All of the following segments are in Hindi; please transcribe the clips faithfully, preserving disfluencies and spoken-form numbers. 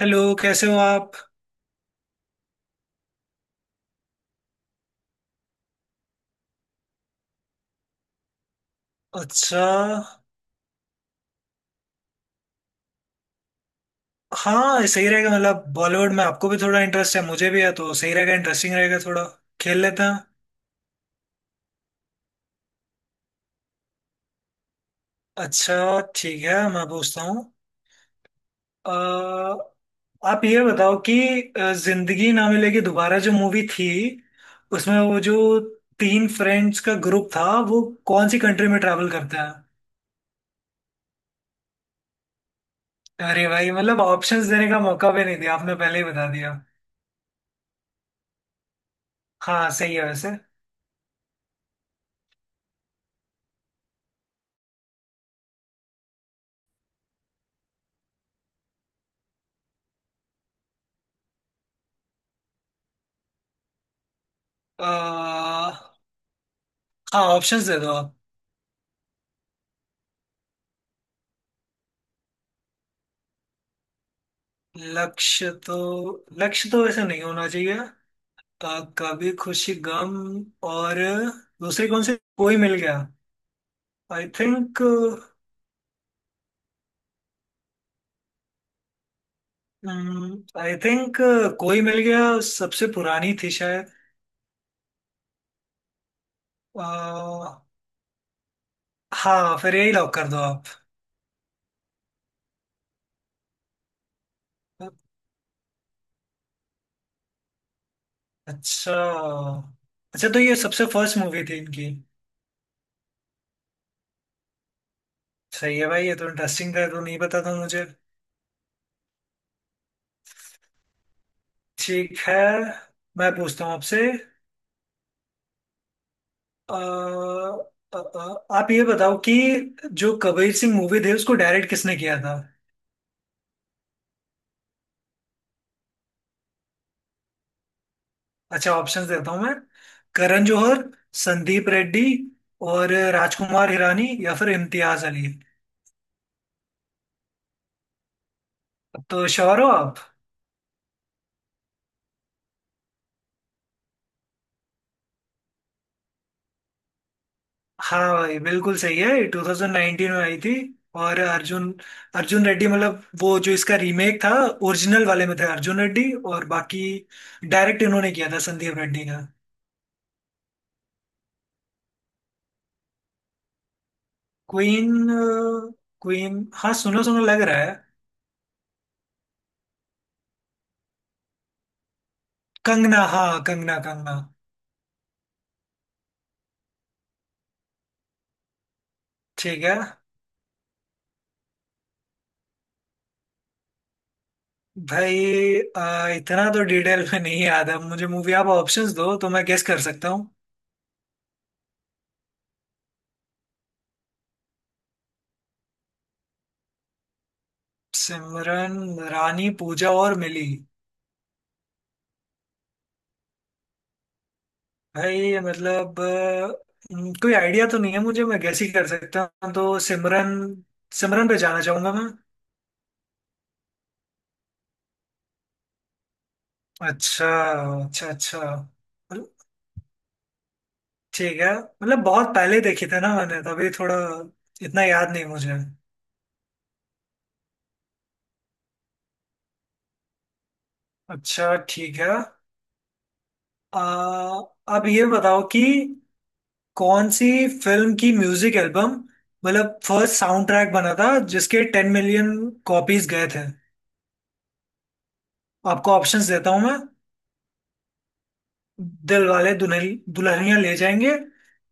हेलो कैसे हो आप। अच्छा। हाँ सही रहेगा मतलब बॉलीवुड में आपको भी थोड़ा इंटरेस्ट है मुझे भी है तो सही रहेगा इंटरेस्टिंग रहेगा थोड़ा खेल लेते हैं। अच्छा ठीक है मैं पूछता हूँ। अ, आप ये बताओ कि अ, जिंदगी ना मिलेगी दोबारा जो मूवी थी उसमें वो जो तीन फ्रेंड्स का ग्रुप था वो कौन सी कंट्री में ट्रैवल करता है। अरे भाई मतलब ऑप्शंस देने का मौका भी नहीं दिया आपने पहले ही बता दिया। हाँ सही है वैसे अ, हाँ ऑप्शंस दे दो आप। लक्ष्य तो लक्ष्य तो वैसे नहीं होना चाहिए। आ, कभी खुशी गम और दूसरी कौन सी कोई मिल गया। आई थिंक आई थिंक कोई मिल गया सबसे पुरानी थी शायद। आ, हाँ फिर यही लॉक कर दो आप। अच्छा, अच्छा तो ये सबसे फर्स्ट मूवी थी इनकी। सही है भाई ये तो इंटरेस्टिंग था ये तो नहीं पता था मुझे। ठीक है मैं पूछता हूँ आपसे। अ, अ, अ, आप ये बताओ कि जो कबीर सिंह मूवी थी उसको डायरेक्ट किसने किया था। अच्छा ऑप्शंस देता हूँ मैं। करण जौहर, संदीप रेड्डी और राजकुमार हिरानी या फिर इम्तियाज अली। तो श्योर हो आप। हाँ भाई बिल्कुल सही है ट्वेंटी नाइनटीन में आई थी। और अर्जुन अर्जुन रेड्डी मतलब वो जो इसका रीमेक था। ओरिजिनल वाले में थे अर्जुन रेड्डी और बाकी। डायरेक्ट इन्होंने किया था संदीप रेड्डी का। क्वीन, क्वीन, हाँ सुनो सुनो लग रहा है। कंगना हाँ, कंगना कंगना। ठीक है भाई, आ, इतना तो डिटेल में नहीं याद है मुझे मूवी। आप ऑप्शंस दो तो मैं गेस कर सकता हूँ। सिमरन, रानी, पूजा और मिली। भाई मतलब अ, हम्म, कोई आइडिया तो नहीं है मुझे, मैं गेस ही कर सकता हूँ, तो सिमरन। सिमरन पे जाना चाहूंगा मैं। अच्छा, अच्छा, अच्छा, मतलब- ठीक है, मतलब बहुत पहले देखी था ना मैंने तभी थोड़ा इतना याद नहीं मुझे। अच्छा ठीक है। आ, अब ये बताओ कि कौन सी फिल्म की म्यूजिक एल्बम मतलब फर्स्ट साउंड ट्रैक बना था जिसके टेन मिलियन कॉपीज गए थे। आपको ऑप्शंस देता हूं मैं। दिल वाले दुल्हन, दुल्हनिया ले जाएंगे,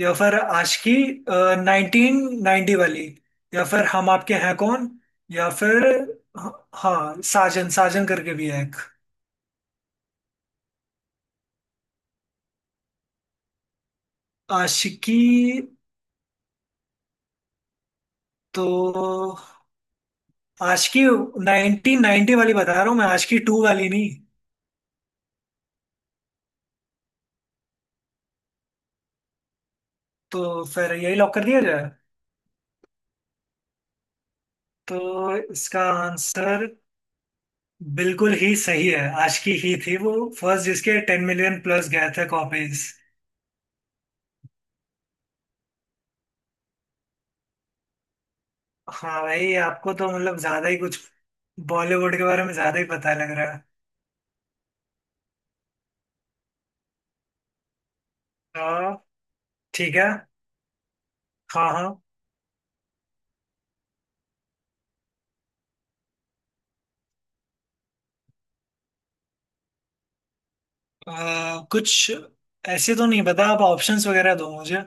या फिर आशिकी नाइनटीन नाइनटी वाली, या फिर हम आपके हैं कौन, या फिर हाँ साजन साजन करके भी है एक। आशिकी। तो आशिकी नाइनटीन नाइनटी वाली बता रहा हूँ मैं, आशिकी टू वाली नहीं। तो फिर यही लॉक कर दिया जाए। तो इसका आंसर बिल्कुल ही सही है, आशिकी ही थी वो फर्स्ट जिसके टेन मिलियन प्लस गए थे कॉपीज। हाँ भाई, आपको तो मतलब ज्यादा ही कुछ बॉलीवुड के बारे में ज्यादा ही पता लग रहा है। हाँ। ठीक है। हाँ। हाँ। अ, कुछ ऐसे तो नहीं पता, आप ऑप्शंस वगैरह दो मुझे।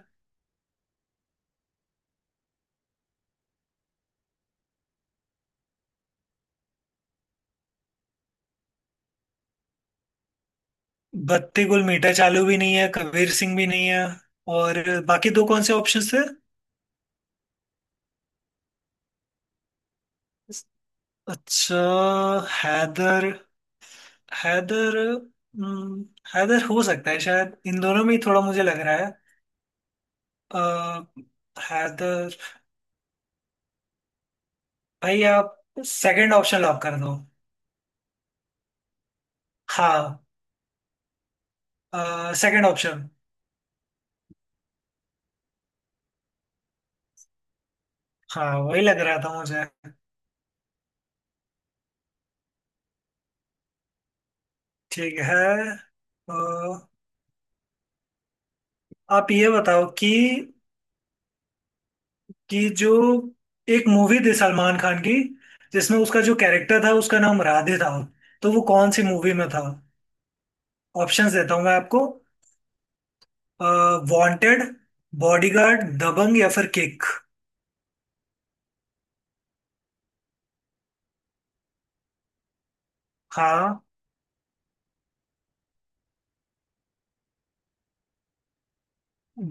बत्ती गुल मीठा चालू भी नहीं है, कबीर सिंह भी नहीं है, और बाकी दो कौन से ऑप्शंस थे। अच्छा। हैदर, हैदर, हम्म, हैदर हो सकता है शायद, इन दोनों में ही थोड़ा मुझे लग रहा है। अ, हैदर। भाई आप सेकंड ऑप्शन लॉक कर दो। हाँ सेकंड ऑप्शन। हाँ वही लग रहा था मुझे। ठीक है। अ, आप ये बताओ कि कि जो एक मूवी थी सलमान खान की जिसमें उसका जो कैरेक्टर था उसका नाम राधे था, तो वो कौन सी मूवी में था। ऑप्शंस देता हूँ मैं आपको। वांटेड, बॉडीगार्ड, दबंग, या फिर किक। हाँ,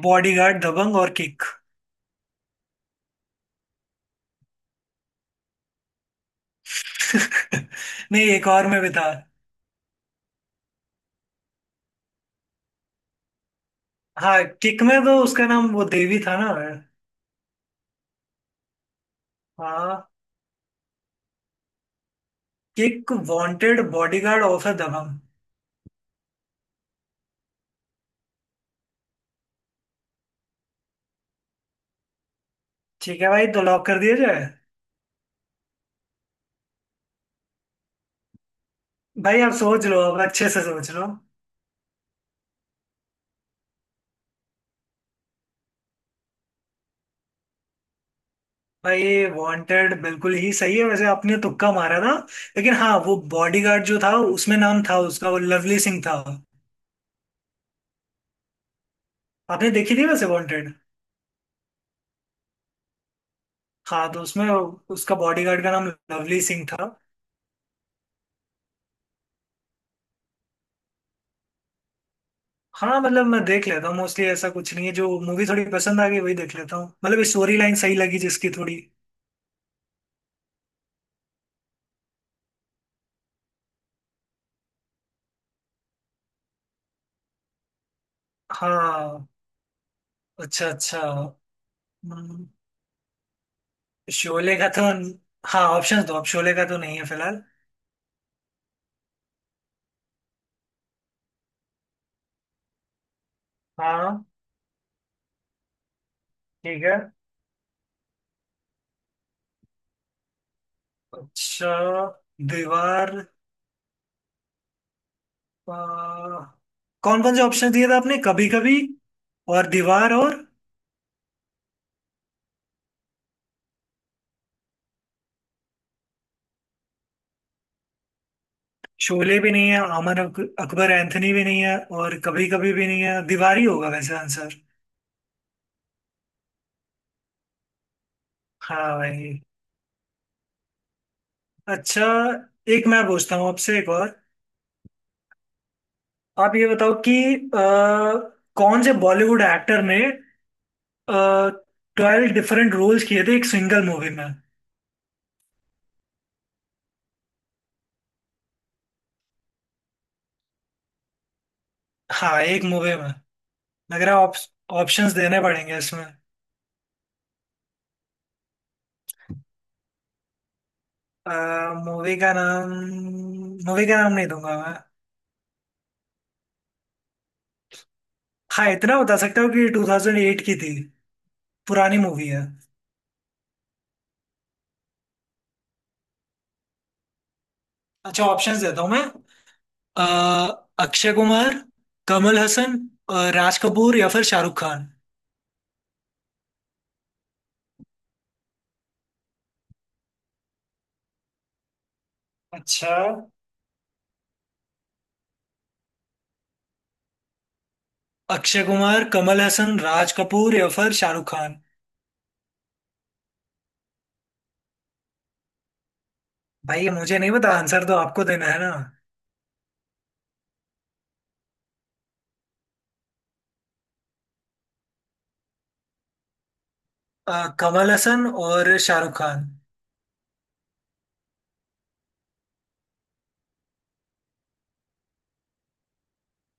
बॉडीगार्ड दबंग और किक। नहीं, एक और में भी था। हाँ किक में तो उसका नाम वो देवी था ना। हाँ, किक, वांटेड, बॉडीगार्ड और फिर दबंग। ठीक है भाई तो लॉक कर दिया जाए। भाई आप सोच लो, अब अच्छे से सोच लो। भाई ये वांटेड बिल्कुल ही सही है, वैसे आपने तुक्का मारा था। लेकिन हाँ, वो बॉडीगार्ड जो था उसमें नाम था उसका वो, लवली सिंह था। आपने देखी थी वैसे वांटेड। हाँ तो उसमें उसका बॉडीगार्ड का नाम लवली सिंह था। हाँ मतलब मैं देख लेता हूँ मोस्टली, ऐसा कुछ नहीं है, जो मूवी थोड़ी पसंद आ गई वही देख लेता हूँ, मतलब स्टोरी लाइन सही लगी जिसकी थोड़ी। हाँ। अच्छा, अच्छा। हम्म, शोले का तो। हाँ ऑप्शन दो, अब शोले का तो नहीं है फिलहाल। हाँ। ठीक है। अच्छा, दीवार। आ, कौन कौन से ऑप्शन दिए थे आपने, कभी कभी और दीवार और। शोले भी नहीं है, अमन अक, अकबर एंथनी भी नहीं है, और कभी कभी भी नहीं है, दीवार ही होगा वैसे आंसर। हाँ भाई। अच्छा, एक मैं पूछता हूँ आपसे एक और। आप ये बताओ कि अ, कौन से बॉलीवुड एक्टर ने ट्वेल्व डिफरेंट रोल्स किए थे एक सिंगल मूवी में। हाँ एक मूवी में लग रहा है, ऑप्शंस देने पड़ेंगे इसमें। मूवी का नाम, मूवी का नाम नहीं दूंगा मैं। हाँ इतना बता सकता हूँ कि ट्वेंटी ओ एट की थी, पुरानी मूवी है। अच्छा ऑप्शंस देता हूँ मैं। अ, अक्षय कुमार, कमल हसन, अ, राज कपूर या फिर शाहरुख खान। अच्छा, अक्षय कुमार, कमल हसन, राज कपूर या फिर शाहरुख खान। भाई ये मुझे नहीं पता, आंसर तो आपको देना है ना। अ, कमल हसन और शाहरुख खान।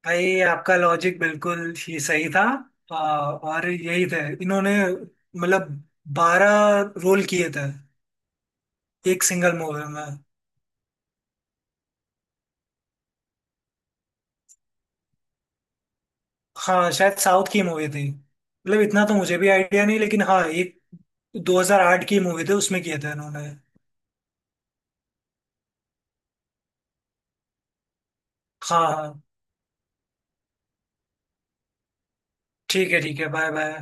भाई आपका लॉजिक बिल्कुल ही सही था। अ, और यही थे, इन्होंने मतलब बारह रोल किए थे एक सिंगल मूवी में। हाँ शायद साउथ की मूवी थी, मतलब इतना तो मुझे भी आइडिया नहीं, लेकिन हाँ एक दो हज़ार आठ की मूवी थी उसमें किया था इन्होंने। हाँ हाँ। ठीक है, ठीक है, बाय बाय।